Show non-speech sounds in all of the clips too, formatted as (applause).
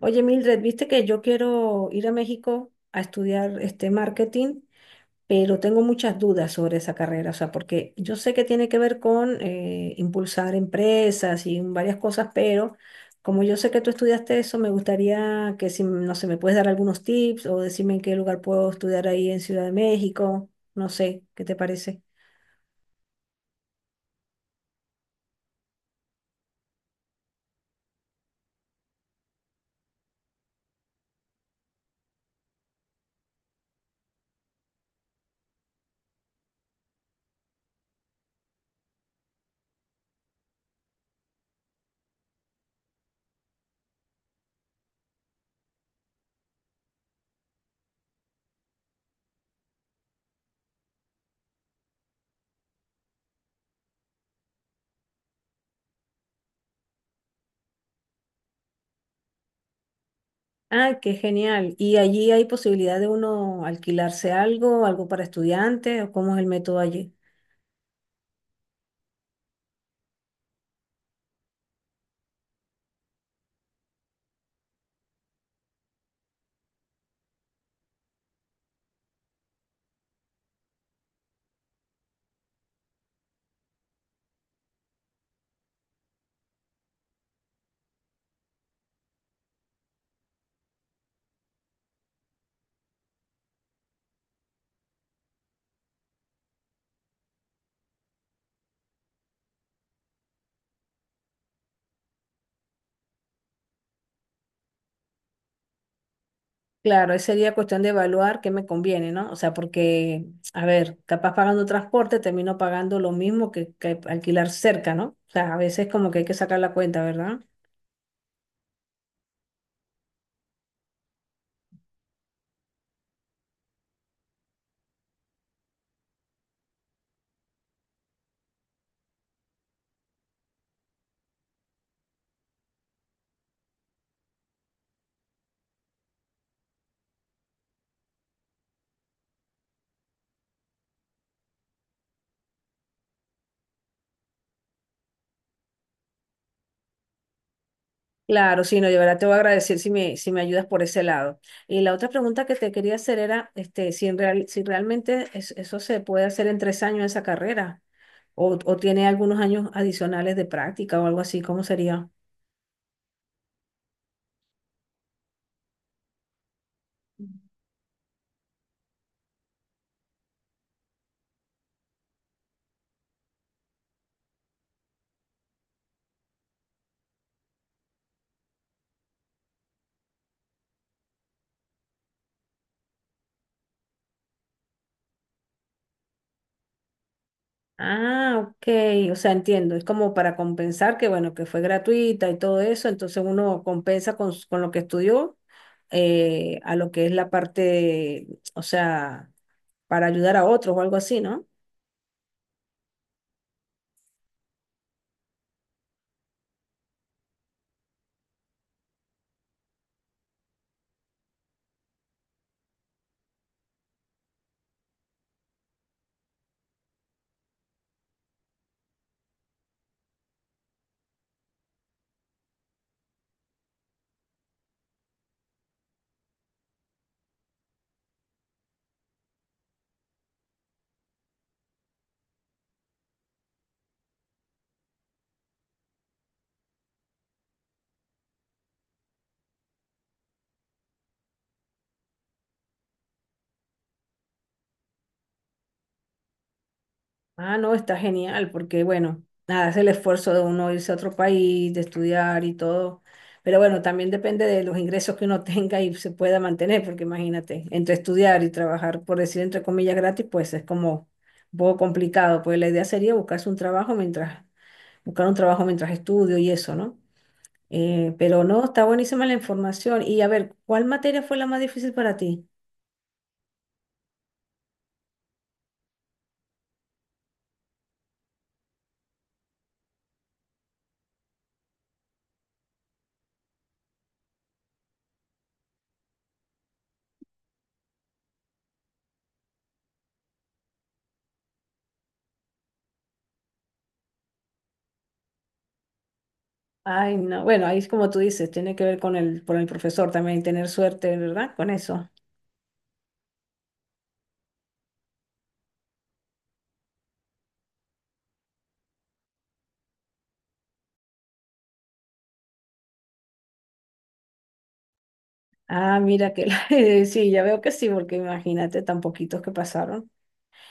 Oye, Mildred, viste que yo quiero ir a México a estudiar este marketing, pero tengo muchas dudas sobre esa carrera, o sea, porque yo sé que tiene que ver con impulsar empresas y varias cosas, pero como yo sé que tú estudiaste eso, me gustaría que si, no sé, me puedes dar algunos tips o decirme en qué lugar puedo estudiar ahí en Ciudad de México, no sé, ¿qué te parece? Ah, qué genial. ¿Y allí hay posibilidad de uno alquilarse algo para estudiantes o cómo es el método allí? Claro, ahí sería cuestión de evaluar qué me conviene, ¿no? O sea, porque, a ver, capaz pagando transporte termino pagando lo mismo que alquilar cerca, ¿no? O sea, a veces como que hay que sacar la cuenta, ¿verdad? Claro, sí, no, yo verdad te voy a agradecer si me ayudas por ese lado. Y la otra pregunta que te quería hacer era, este, si realmente eso se puede hacer en 3 años esa carrera, o tiene algunos años adicionales de práctica o algo así, ¿cómo sería? Ah, ok, o sea, entiendo, es como para compensar que, bueno, que fue gratuita y todo eso, entonces uno compensa con lo que estudió a lo que es la parte, o sea, para ayudar a otros o algo así, ¿no? Ah, no, está genial, porque bueno, nada, es el esfuerzo de uno irse a otro país, de estudiar y todo. Pero bueno, también depende de los ingresos que uno (laughs) tenga y se pueda mantener, porque imagínate, entre estudiar y trabajar, por decir entre comillas gratis, pues es como un poco complicado. Pues la idea sería buscar un trabajo mientras estudio y eso, ¿no? Pero no, está buenísima la información. Y a ver, ¿cuál materia fue la más difícil para ti? Ay, no, bueno, ahí es como tú dices, tiene que ver con el profesor también, tener suerte, ¿verdad? Con eso. Ah, mira que (laughs) sí, ya veo que sí, porque imagínate tan poquitos que pasaron.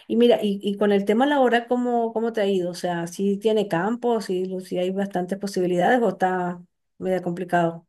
Y mira, y con el tema laboral, ¿cómo te ha ido? O sea, ¿sí tiene campo, sí, sí hay bastantes posibilidades o está medio complicado?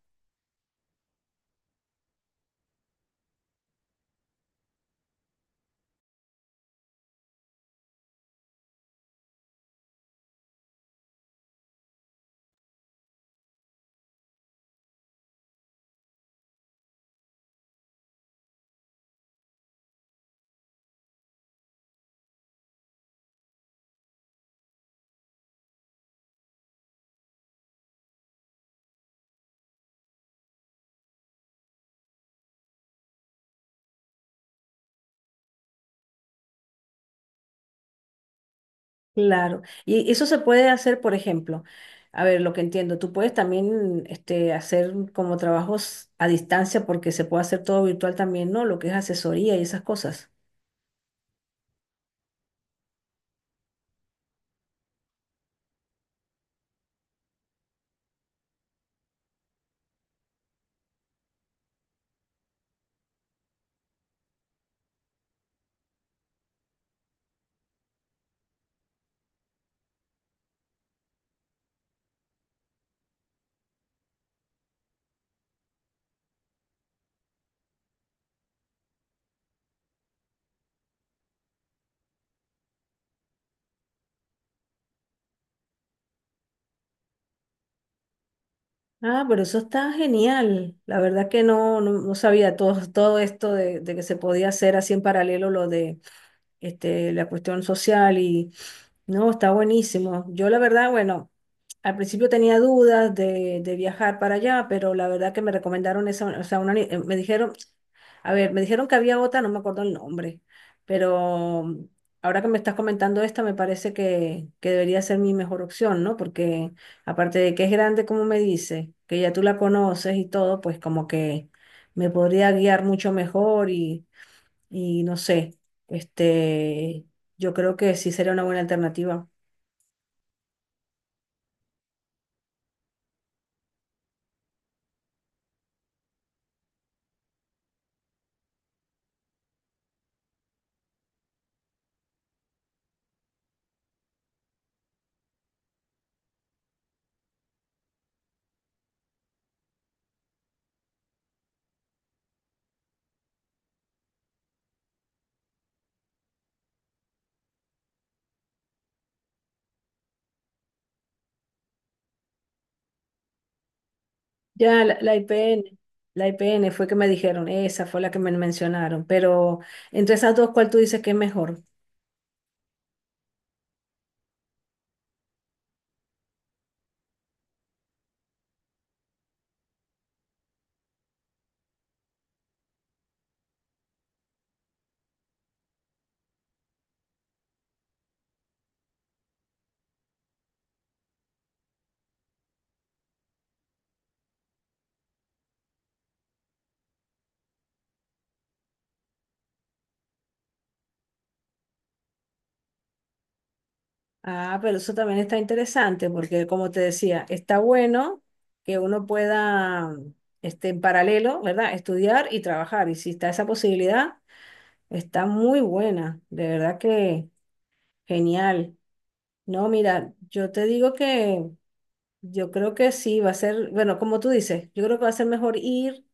Claro. Y eso se puede hacer, por ejemplo, a ver, lo que entiendo, tú puedes también este, hacer como trabajos a distancia porque se puede hacer todo virtual también, ¿no? Lo que es asesoría y esas cosas. Ah, pero eso está genial. La verdad que no sabía todo esto de que se podía hacer así en paralelo lo de este, la cuestión social y no, está buenísimo. Yo la verdad, bueno. Al principio tenía dudas de viajar para allá, pero la verdad que me recomendaron esa, o sea, me dijeron, a ver, me dijeron que había otra, no me acuerdo el nombre, pero ahora que me estás comentando esta, me parece que debería ser mi mejor opción, ¿no? Porque aparte de que es grande, como me dice, que ya tú la conoces y todo, pues como que me podría guiar mucho mejor y no sé, este, yo creo que sí sería una buena alternativa. Ya, la IPN, la IPN fue que me dijeron, esa fue la que me mencionaron, pero entre esas dos, ¿cuál tú dices que es mejor? Ah, pero eso también está interesante porque, como te decía, está bueno que uno pueda, este, en paralelo, ¿verdad? Estudiar y trabajar. Y si está esa posibilidad, está muy buena, de verdad que genial. No, mira, yo te digo que yo creo que sí, va a ser, bueno, como tú dices, yo creo que va a ser mejor ir.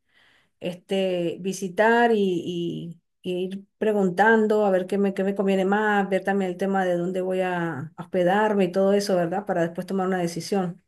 Este, visitar y ir preguntando a ver qué me conviene más, ver también el tema de dónde voy a hospedarme y todo eso, ¿verdad? Para después tomar una decisión.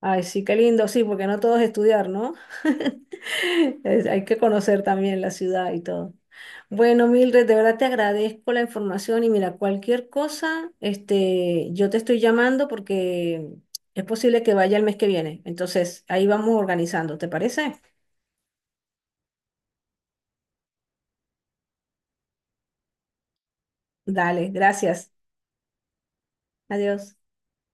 Ay, sí, qué lindo, sí, porque no todo es estudiar, ¿no? (laughs) Hay que conocer también la ciudad y todo. Bueno, Mildred, de verdad te agradezco la información y mira, cualquier cosa, este, yo te estoy llamando porque es posible que vaya el mes que viene. Entonces, ahí vamos organizando, ¿te parece? Dale, gracias. Adiós.